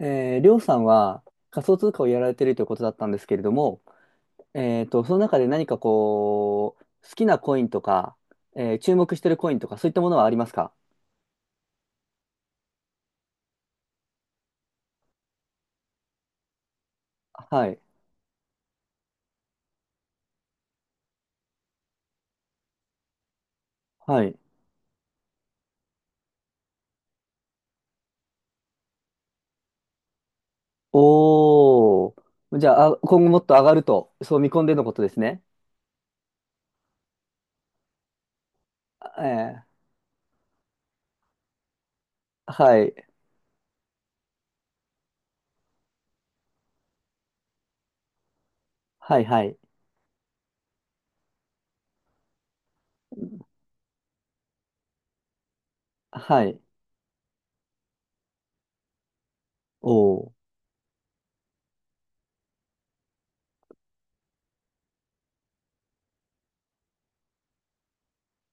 りょうさんは仮想通貨をやられているということだったんですけれども、その中で何かこう、好きなコインとか、注目しているコインとか、そういったものはありますか？はい。はい。おー。じゃあ、今後もっと上がると、そう見込んでのことですね。あえはい。はい、はい。はい。おー。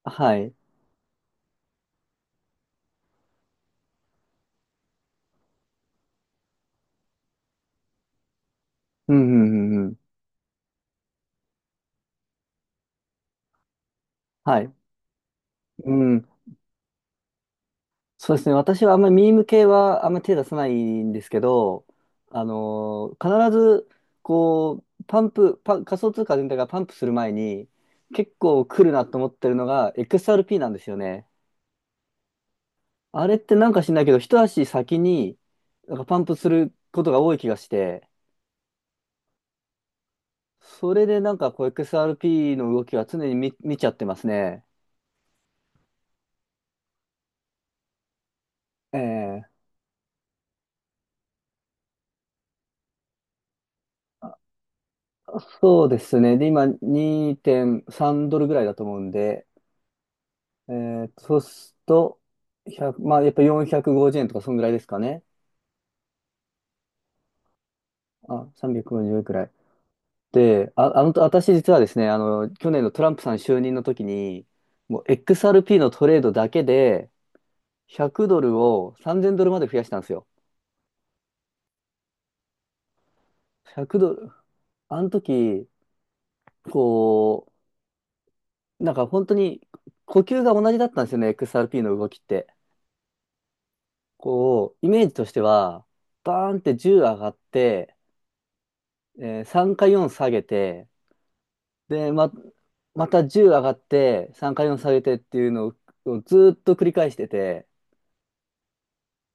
はい。うん、うん、うん。うん。はい。うん。そうですね。私はあんまりミーム系はあんまり手出さないんですけど、必ず、こう、パンプ、パン、仮想通貨全体がパンプする前に、結構来るなと思ってるのが XRP なんですよね。あれってなんか知んないけど、一足先になんかパンプすることが多い気がして、それでなんかこう XRP の動きは常に見ちゃってますね。ええそうですね。で、今2.3ドルぐらいだと思うんで、そうすると、1、まあ、やっぱ450円とか、そんぐらいですかね。あ、350円、ごじゅうえんくらい。で、私実はですね、去年のトランプさん就任の時に、もう XRP のトレードだけで、100ドルを3000ドルまで増やしたんですよ。100ドル。あの時、こう、なんか本当に呼吸が同じだったんですよね、XRP の動きって。こう、イメージとしては、バーンって10上がって、3か4下げて、で、また10上がって、3回も下げてっていうのをずーっと繰り返してて、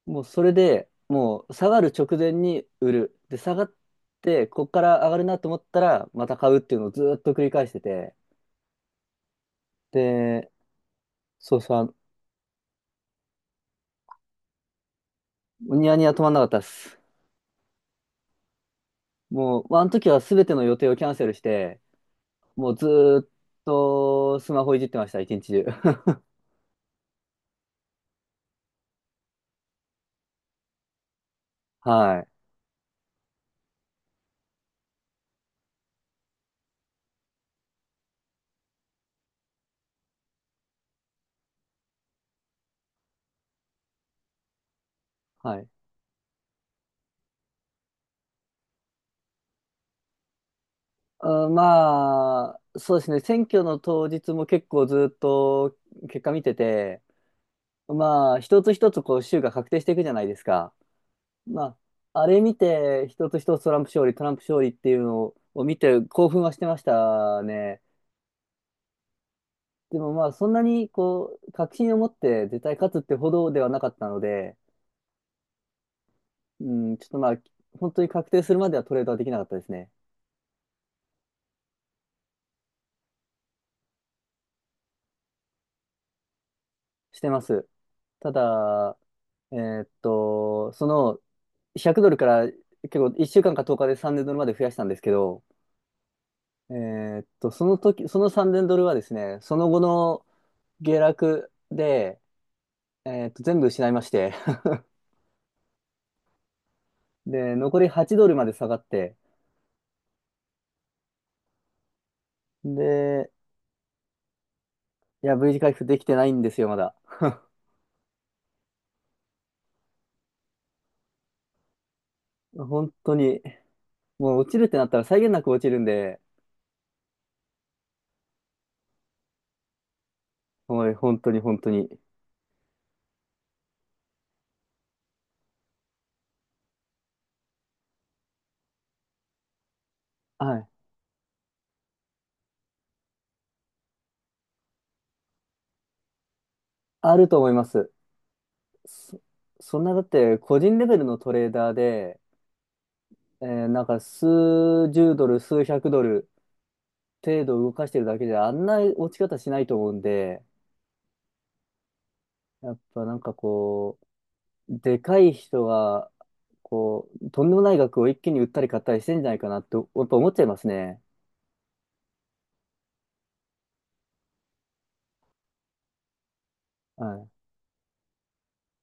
もうそれでもう下がる直前に売る。で、下がって、こっから上がるなと思ったら、また買うっていうのをずーっと繰り返してて、で、そうそう、ニヤニヤ止まんなかったです。もう、まあ、あの時は全ての予定をキャンセルして、もうずーっとスマホいじってました、一日中。はい。はい。まあ、そうですね、選挙の当日も結構ずっと結果見てて、まあ、一つ一つこう州が確定していくじゃないですか。まあ、あれ見て、一つ一つトランプ勝利、トランプ勝利っていうのを見て興奮はしてましたね。でもまあ、そんなにこう、確信を持って絶対勝つってほどではなかったので、うん、ちょっとまあ、本当に確定するまではトレードはできなかったですね。してます。ただ、えーっと、その、100ドルから結構1週間か10日で3000ドルまで増やしたんですけど、その時、その3000ドルはですね、その後の下落で、全部失いまして、で、残り8ドルまで下がって、で、いや、V 字回復できてないんですよ、まだ。本当に、もう落ちるってなったら際限なく落ちるんで、おい、本当に本当に。はい。あると思います。そ、そんなだって個人レベルのトレーダーで、なんか数十ドル、数百ドル程度動かしてるだけじゃあんな落ち方しないと思うんで、やっぱなんかこう、でかい人は、こう、とんでもない額を一気に売ったり買ったりしてんじゃないかなってやっぱ思っちゃいますね。はい。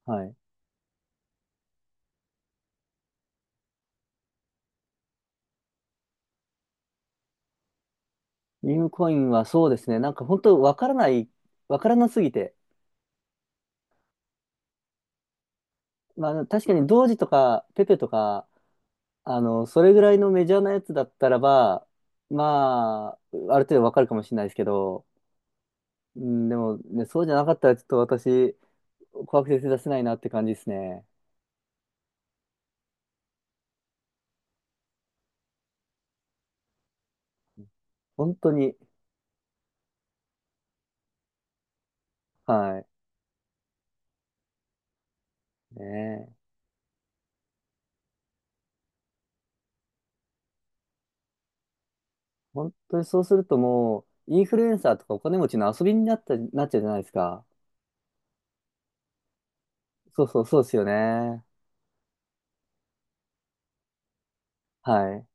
はい。ビームコインはそうですね。なんか本当わからない、わからなすぎて。まあ確かにドージとかペペとか、それぐらいのメジャーなやつだったらば、まあ、ある程度わかるかもしれないですけど、うん、でもね、そうじゃなかったらちょっと私、怖くて手出せないなって感じですね。本当に。はい。ねえ。本当にそうするともう、インフルエンサーとかお金持ちの遊びになっちゃうじゃないですか。そうそう、そうですよね。はい。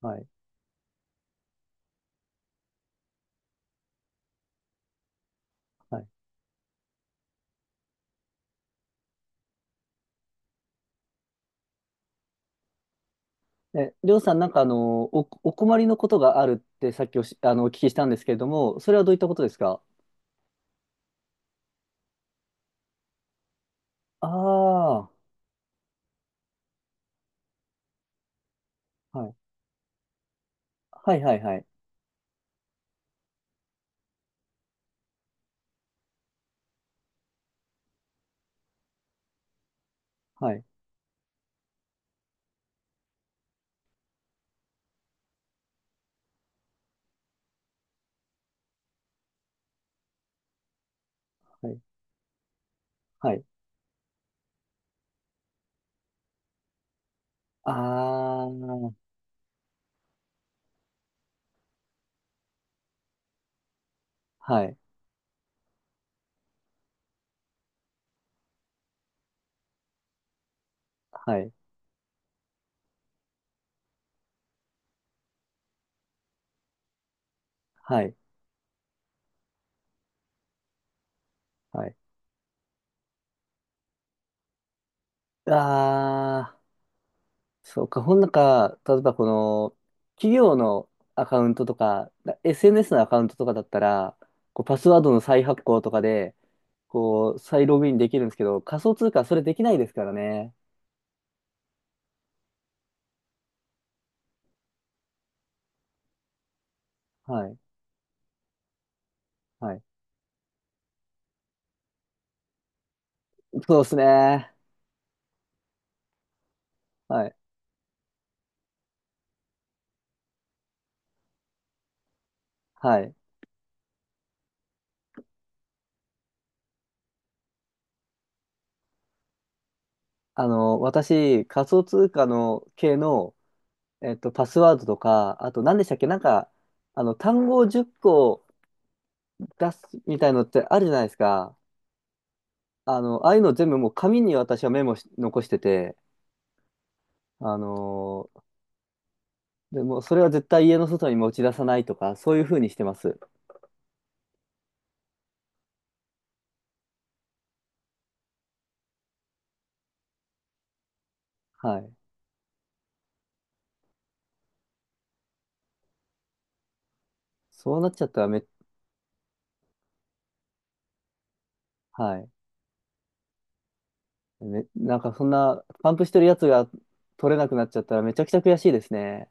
はい。はい。え、りょうさん、なんかお困りのことがあるってさっきお聞きしたんですけれども、それはどういったことですか？ああー。はい。はいはいはい。はい。はい。はい。あー。はい。はい。はい。はい。あー。そうか。ほんなんか、例えばこの、企業のアカウントとか、SNS のアカウントとかだったら、こうパスワードの再発行とかで、こう、再ログインできるんですけど、仮想通貨はそれできないですからね。はい。はい。そうですね。はい。はい。私、仮想通貨の系の、パスワードとか、あと何でしたっけなんか、単語を10個出すみたいのってあるじゃないですか。ああいうの全部もう紙に私はメモし、残してて、あのーでもそれは絶対家の外に持ち出さないとか、そういうふうにしてます。はい。そうなっちゃったらはい。なんかそんな、パンプしてるやつが取れなくなっちゃったらめちゃくちゃ悔しいですね。